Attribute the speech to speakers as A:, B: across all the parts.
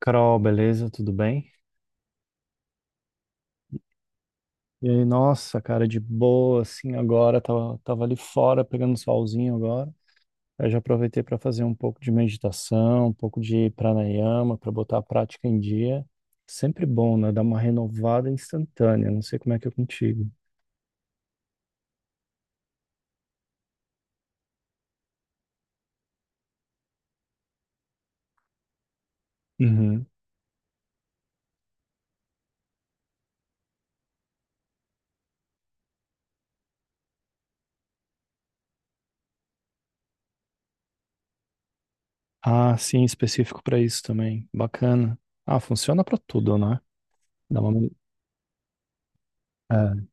A: Carol, beleza? Tudo bem? E aí, nossa, cara, de boa, assim, agora, tava ali fora pegando solzinho agora. Eu já aproveitei para fazer um pouco de meditação, um pouco de pranayama, para botar a prática em dia. Sempre bom, né? Dar uma renovada instantânea. Não sei como é que é contigo. Uhum. Ah, sim, específico para isso também. Bacana. Ah, funciona para tudo, né? Dá uma... É.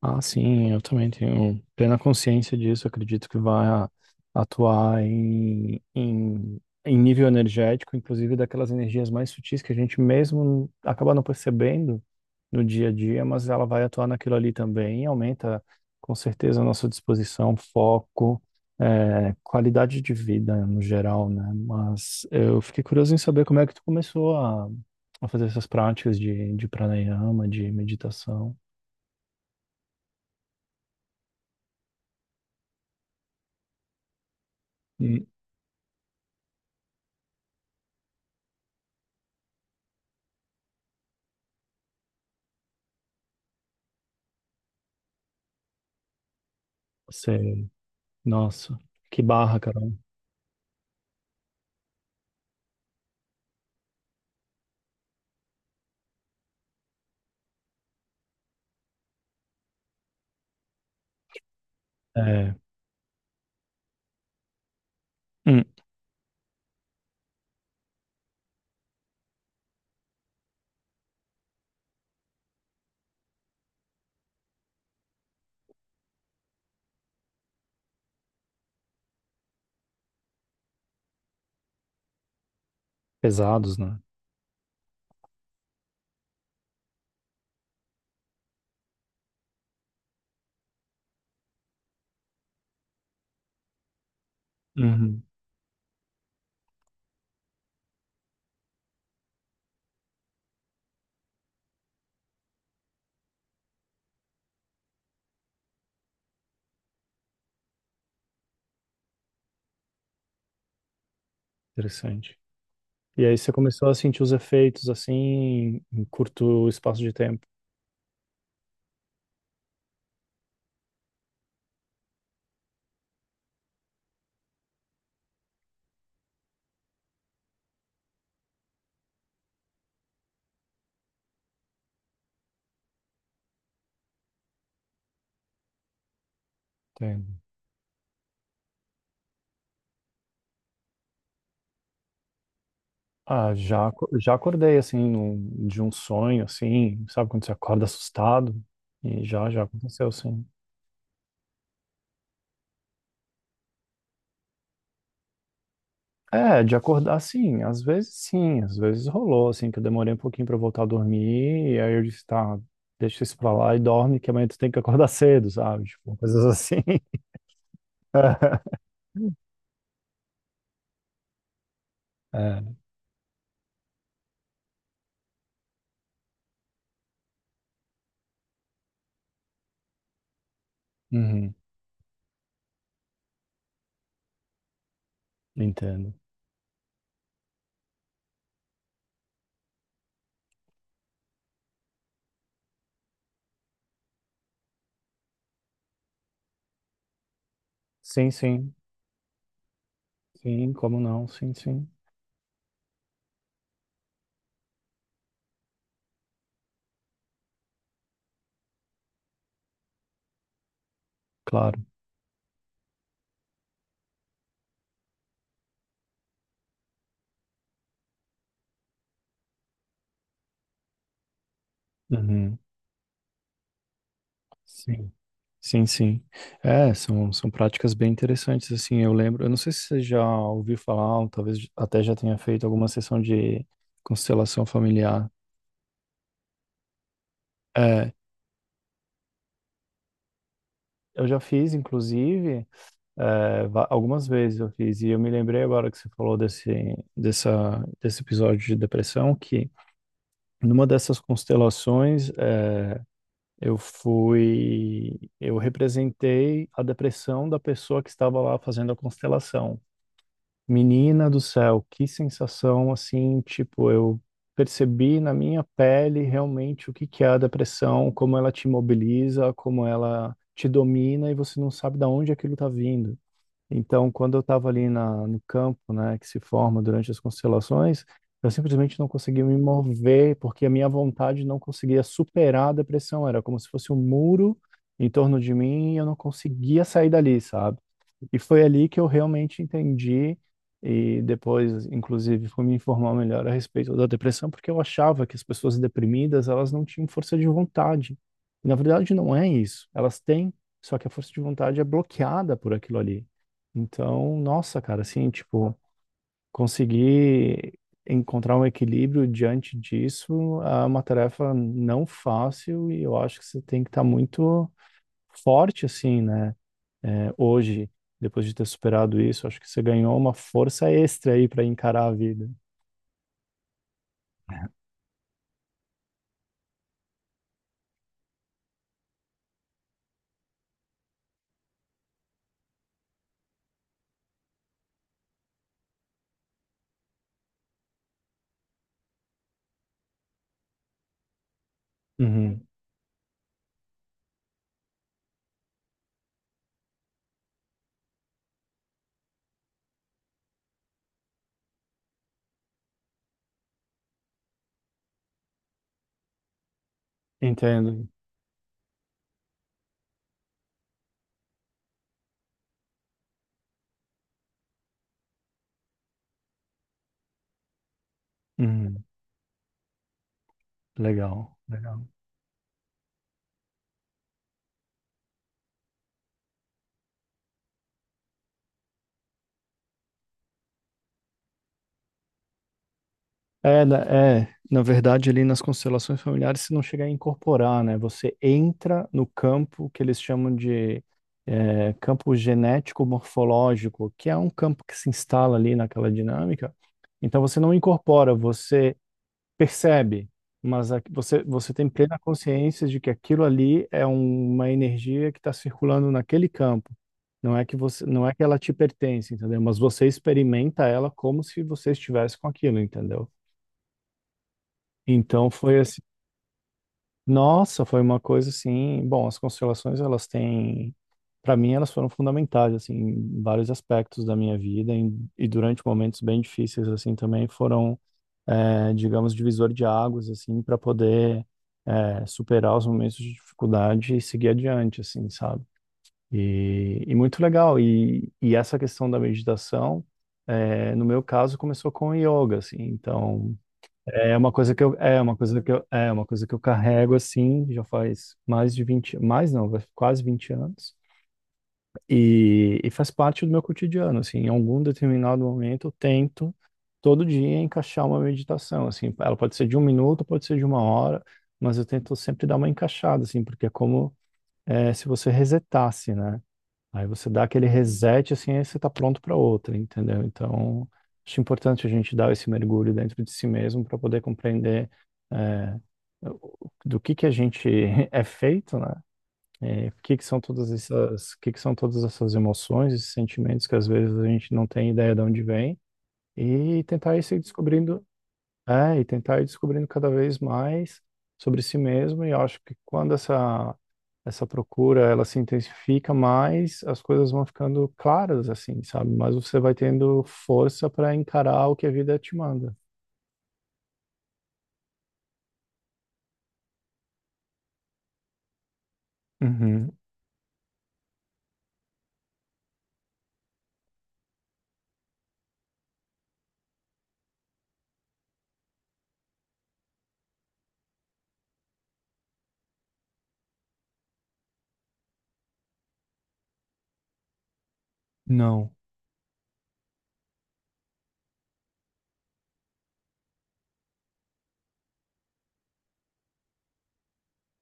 A: Ah, sim, eu também tenho plena consciência disso. Acredito que vai atuar em nível energético, inclusive daquelas energias mais sutis que a gente mesmo acaba não percebendo no dia a dia, mas ela vai atuar naquilo ali também e aumenta com certeza a nossa disposição, foco, qualidade de vida no geral, né? Mas eu fiquei curioso em saber como é que tu começou a fazer essas práticas de pranayama, de meditação. E você. Nossa, que barra, Carol. É, hum, pesados, né? Uhum. Interessante. E aí você começou a sentir os efeitos assim em curto espaço de tempo. Entendo. Ah, já, já acordei assim de um sonho assim, sabe quando você acorda assustado? E já aconteceu sim. É, de acordar sim, às vezes rolou assim que eu demorei um pouquinho pra voltar a dormir e aí eu disse, tá, deixa isso pra lá e dorme que amanhã tu tem que acordar cedo, sabe? Tipo, coisas assim. É, uhum, entendo. Sim, sim, sim, como não? Sim, sim, claro. Uhum, sim, sim, sim. É, são, são práticas bem interessantes, assim, eu lembro, eu não sei se você já ouviu falar, ou talvez até já tenha feito alguma sessão de constelação familiar. É, eu já fiz, inclusive, é, algumas vezes eu fiz, e eu me lembrei agora que você falou desse, desse episódio de depressão, que numa dessas constelações, é, eu fui, eu representei a depressão da pessoa que estava lá fazendo a constelação. Menina do céu, que sensação assim, tipo, eu percebi na minha pele realmente o que que é a depressão, como ela te mobiliza, como ela te domina e você não sabe de onde aquilo está vindo. Então, quando eu estava ali no campo, né, que se forma durante as constelações, eu simplesmente não conseguia me mover, porque a minha vontade não conseguia superar a depressão. Era como se fosse um muro em torno de mim e eu não conseguia sair dali, sabe? E foi ali que eu realmente entendi, e depois, inclusive, fui me informar melhor a respeito da depressão, porque eu achava que as pessoas deprimidas, elas não tinham força de vontade. E, na verdade, não é isso. Elas têm, só que a força de vontade é bloqueada por aquilo ali. Então, nossa, cara, assim, tipo, conseguir encontrar um equilíbrio diante disso é uma tarefa não fácil e eu acho que você tem que estar muito forte, assim, né? É, hoje, depois de ter superado isso, acho que você ganhou uma força extra aí para encarar a vida. Uhum, entendo. Uhum, legal. Legal. É, é, na verdade, ali nas constelações familiares, você não chega a incorporar, né? Você entra no campo que eles chamam de campo genético-morfológico, que é um campo que se instala ali naquela dinâmica. Então, você não incorpora, você percebe, mas você, você tem plena consciência de que aquilo ali é uma energia que está circulando naquele campo. Não é que você, não é que ela te pertence, entendeu? Mas você experimenta ela como se você estivesse com aquilo, entendeu? Então foi assim, nossa, foi uma coisa assim, bom, as constelações elas têm, para mim elas foram fundamentais assim, em vários aspectos da minha vida e durante momentos bem difíceis assim também foram, eh, digamos, divisor de águas assim para poder superar os momentos de dificuldade e seguir adiante assim, sabe? E muito legal e essa questão da meditação no meu caso começou com o yoga assim, então é uma coisa que eu, é uma coisa que eu, é uma coisa que eu carrego assim, já faz mais de 20 mais não, quase 20 anos. E faz parte do meu cotidiano, assim, em algum determinado momento eu tento todo dia encaixar uma meditação, assim, ela pode ser de um minuto, pode ser de uma hora, mas eu tento sempre dar uma encaixada, assim, porque é como é, se você resetasse, né? Aí você dá aquele reset, assim, aí você tá pronto para outra, entendeu? Então, acho importante a gente dar esse mergulho dentro de si mesmo para poder compreender é, o- do que a gente é feito, né? É, o que que são todas essas, o que que são todas essas emoções, esses sentimentos que às vezes a gente não tem ideia de onde vem e tentar ir se descobrindo é, e tentar ir descobrindo cada vez mais sobre si mesmo, e eu acho que quando essa procura ela se intensifica mais, as coisas vão ficando claras, assim, sabe? Mas você vai tendo força para encarar o que a vida te manda. Uhum. Não.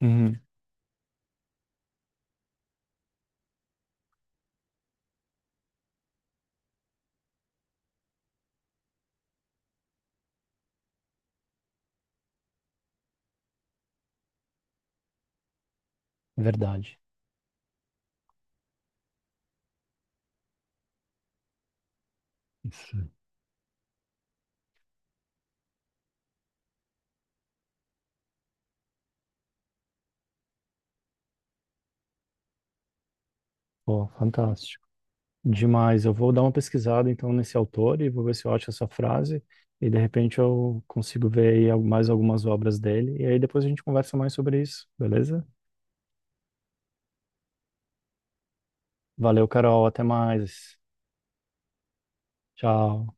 A: Uhum. Verdade. Isso. Pô, fantástico. Demais. Eu vou dar uma pesquisada então nesse autor e vou ver se eu acho essa frase, e de repente eu consigo ver aí mais algumas obras dele, e aí depois a gente conversa mais sobre isso, beleza? Valeu, Carol. Até mais. Tchau.